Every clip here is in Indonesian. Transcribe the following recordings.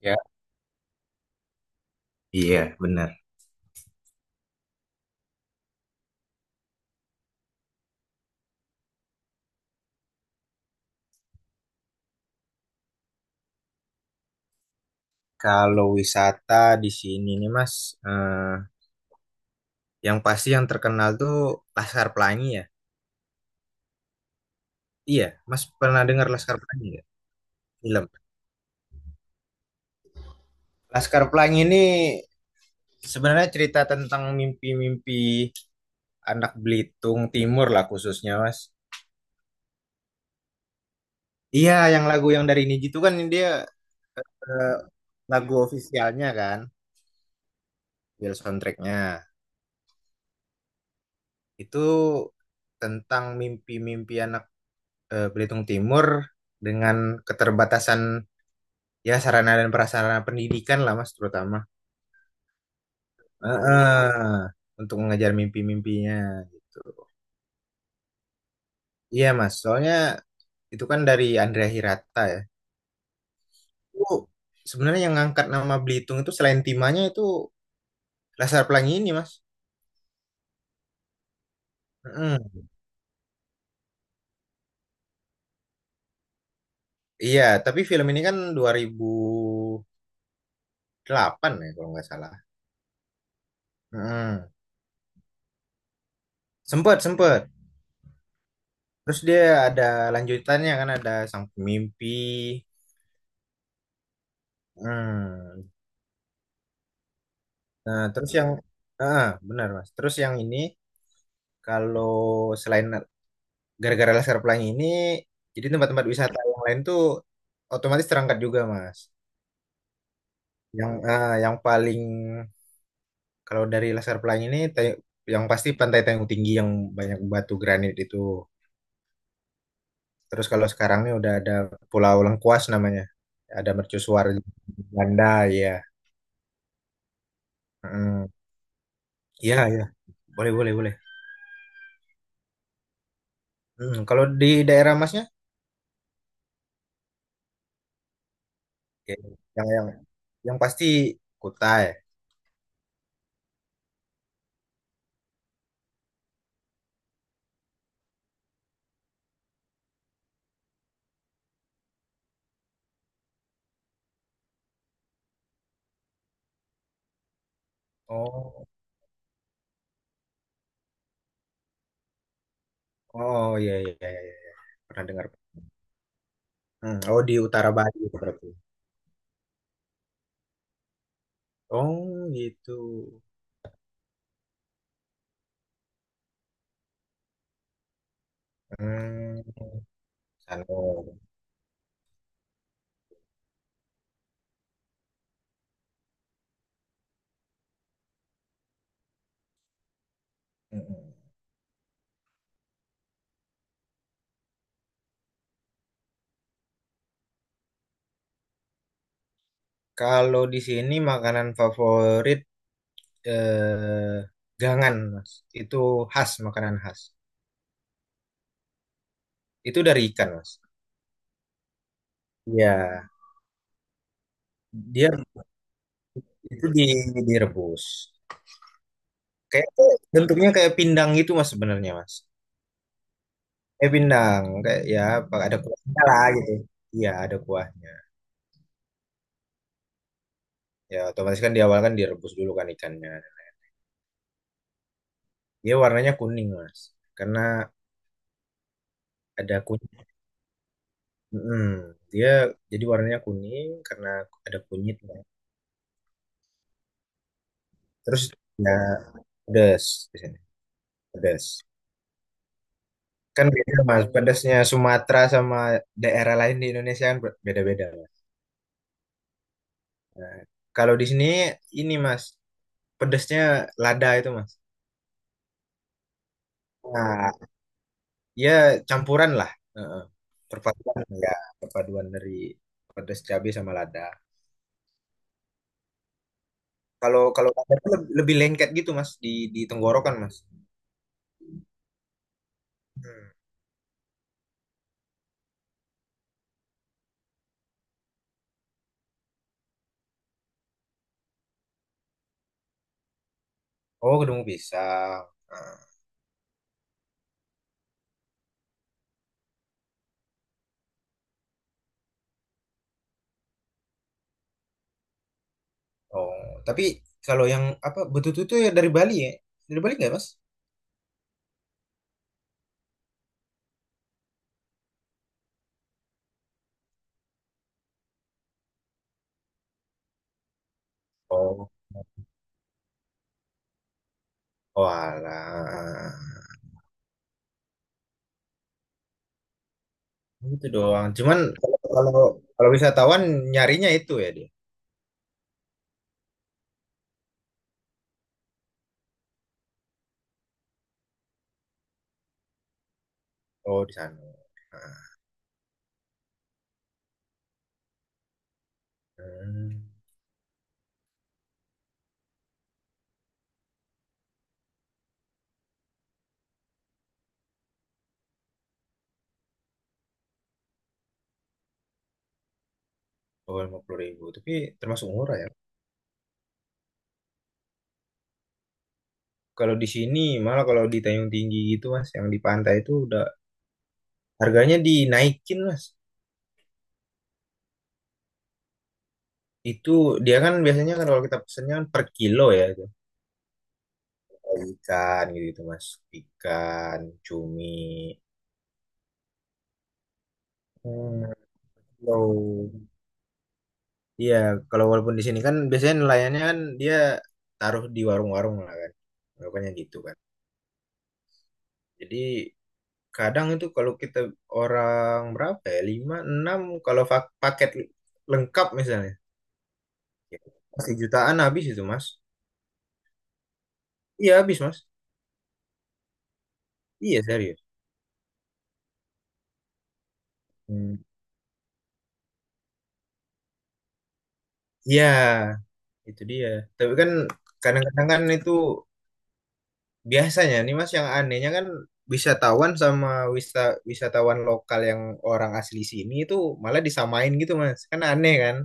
Ya, iya, benar. Kalau wisata di sini nih, Mas, eh, yang pasti yang terkenal tuh Laskar Pelangi ya. Iya, Mas pernah dengar Laskar Pelangi nggak? Film. Laskar Pelangi ini sebenarnya cerita tentang mimpi-mimpi anak Belitung Timur lah khususnya, Mas. Iya, yang lagu yang dari Niji itu kan dia eh, lagu ofisialnya kan, Bill soundtracknya. Itu tentang mimpi-mimpi anak Belitung Timur dengan keterbatasan ya sarana dan prasarana pendidikan lah Mas terutama. Eh, eh, untuk mengejar mimpi-mimpinya gitu. Iya Mas, soalnya itu kan dari Andrea Hirata ya. Itu sebenarnya yang ngangkat nama Belitung itu selain Timanya itu Laskar Pelangi ini Mas. Mm-mm. Iya, tapi film ini kan 2008 ya kalau nggak salah. Mm. Sempet, sempet. Terus dia ada lanjutannya kan ada Sang Pemimpi. Hmm. Nah, terus yang benar Mas. Terus yang ini kalau selain gara-gara laser pelangi ini jadi tempat-tempat wisata yang lain tuh otomatis terangkat juga Mas. Yang yang paling kalau dari laser pelangi ini yang pasti Pantai Tanjung Tinggi yang banyak batu granit itu. Terus kalau sekarang ini udah ada Pulau Lengkuas namanya. Ada mercusuar Belanda ya. Hmm. Iya, iya. Boleh, boleh, boleh. Hmm. Kalau di daerah Masnya, oke. Yang yang pasti Kutai. Oh, oh iya iya iya iya. Pernah dengar. Hmm, oh di utara Bali itu berarti. Oh gitu. Hmm, Sano. Mm-mm. Kalau di sini makanan favorit eh, gangan, Mas. Itu khas, makanan khas. Itu dari ikan, Mas. Iya, dia itu di direbus. Kayak bentuknya kayak pindang gitu, Mas sebenarnya, Mas. Eh, Pinang kayak ya, ada kuahnya lah gitu, iya ada kuahnya, ya otomatis kan di awal kan direbus dulu kan ikannya, dia warnanya kuning mas karena ada kunyit. Mm, dia jadi warnanya kuning karena ada kunyitnya. Terus ya pedas, di sini pedas, kan beda mas pedasnya Sumatera sama daerah lain di Indonesia kan beda-beda mas. Nah, kalau di sini ini mas pedasnya lada itu mas. Nah ya, campuran lah. Heeh. Perpaduan ya, perpaduan dari pedas cabai sama lada. Kalau kalau lada tuh lebih, lebih lengket gitu mas di tenggorokan mas. Hmm. Oh kedemu pisang. Ah. Oh tapi kalau yang apa betutu tuh ya dari Bali ya, dari Bali nggak mas? Oh, walah, gitu doang. Cuman kalau kalau kalau wisatawan nyarinya itu ya dia. Oh di sana. Ah. Hmm. Oh 50.000, tapi termasuk murah ya. Kalau di sini malah kalau di Tanjung Tinggi gitu mas, yang di pantai itu udah harganya dinaikin mas. Itu dia kan biasanya kan kalau kita pesennya kan per kilo ya itu. Ikan gitu, gitu mas, ikan, cumi. Hmm, low. Iya, kalau walaupun di sini kan biasanya nelayannya kan dia taruh di warung-warung lah kan. Makanya gitu kan. Jadi kadang itu kalau kita orang berapa ya? 5, 6 kalau paket lengkap misalnya. Pasti jutaan habis itu, Mas. Iya, habis, Mas. Iya, serius. Hmm. Iya, itu dia. Tapi kan kadang-kadang kan itu biasanya nih, Mas, yang anehnya kan wisatawan sama wisa wisatawan lokal yang orang asli sini itu malah disamain gitu, Mas. Kan aneh kan?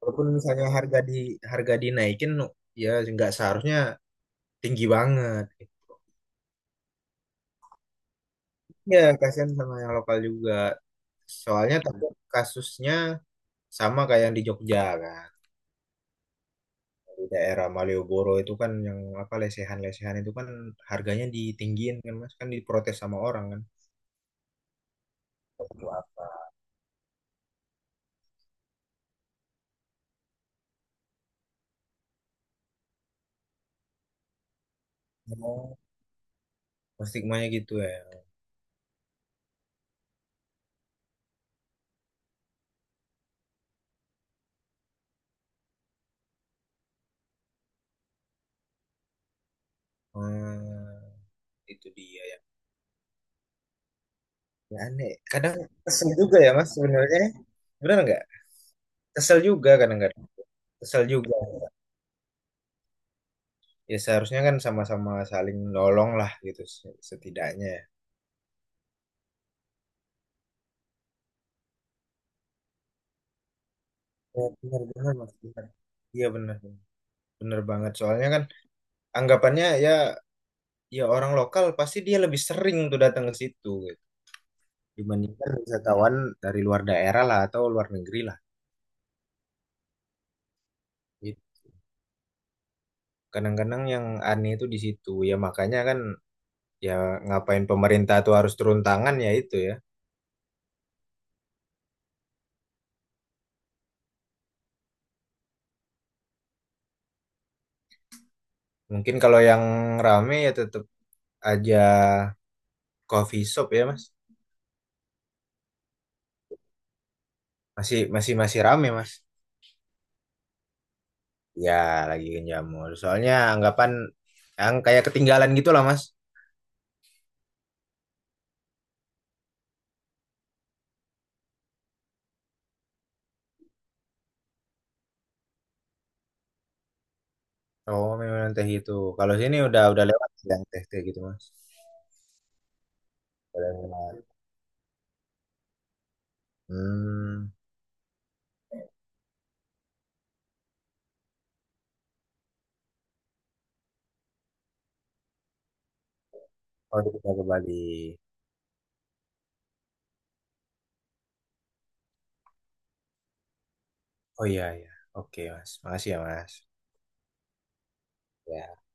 Walaupun misalnya harga di, harga dinaikin ya nggak seharusnya tinggi banget gitu. Ya, kasihan sama yang lokal juga. Soalnya tapi kasusnya sama kayak yang di Jogja kan. Di daerah Malioboro itu kan yang apa lesehan-lesehan itu kan harganya ditinggiin kan Mas kan diprotes sama orang kan. Oh, stigmanya gitu ya. Hmm, itu dia ya. Ya aneh. Kadang kesel juga ya Mas sebenarnya. Benar nggak? Kesel juga kadang-kadang. Kesel juga. Ya seharusnya kan sama-sama saling nolong lah gitu setidaknya ya. Ya, benar-benar Mas. Benar. Iya benar. Benar banget. Soalnya kan anggapannya ya, ya orang lokal pasti dia lebih sering tuh datang ke situ gitu. Dibandingkan wisatawan dari luar daerah lah atau luar negeri lah gitu. Kadang-kadang yang aneh itu di situ ya makanya kan, ya ngapain pemerintah tuh harus turun tangan ya itu ya. Mungkin kalau yang rame ya tetap aja coffee shop ya mas. Masih masih masih rame mas. Ya lagi jamur soalnya anggapan yang kayak ketinggalan gitu lah mas. Oh memang teh itu kalau sini udah lewat yang teh teh gitu mas. Udah lewat. Hmm. Oh udah pindah ke Bali. Oh iya, iya. Oke, Mas. Makasih ya, Mas. Ya.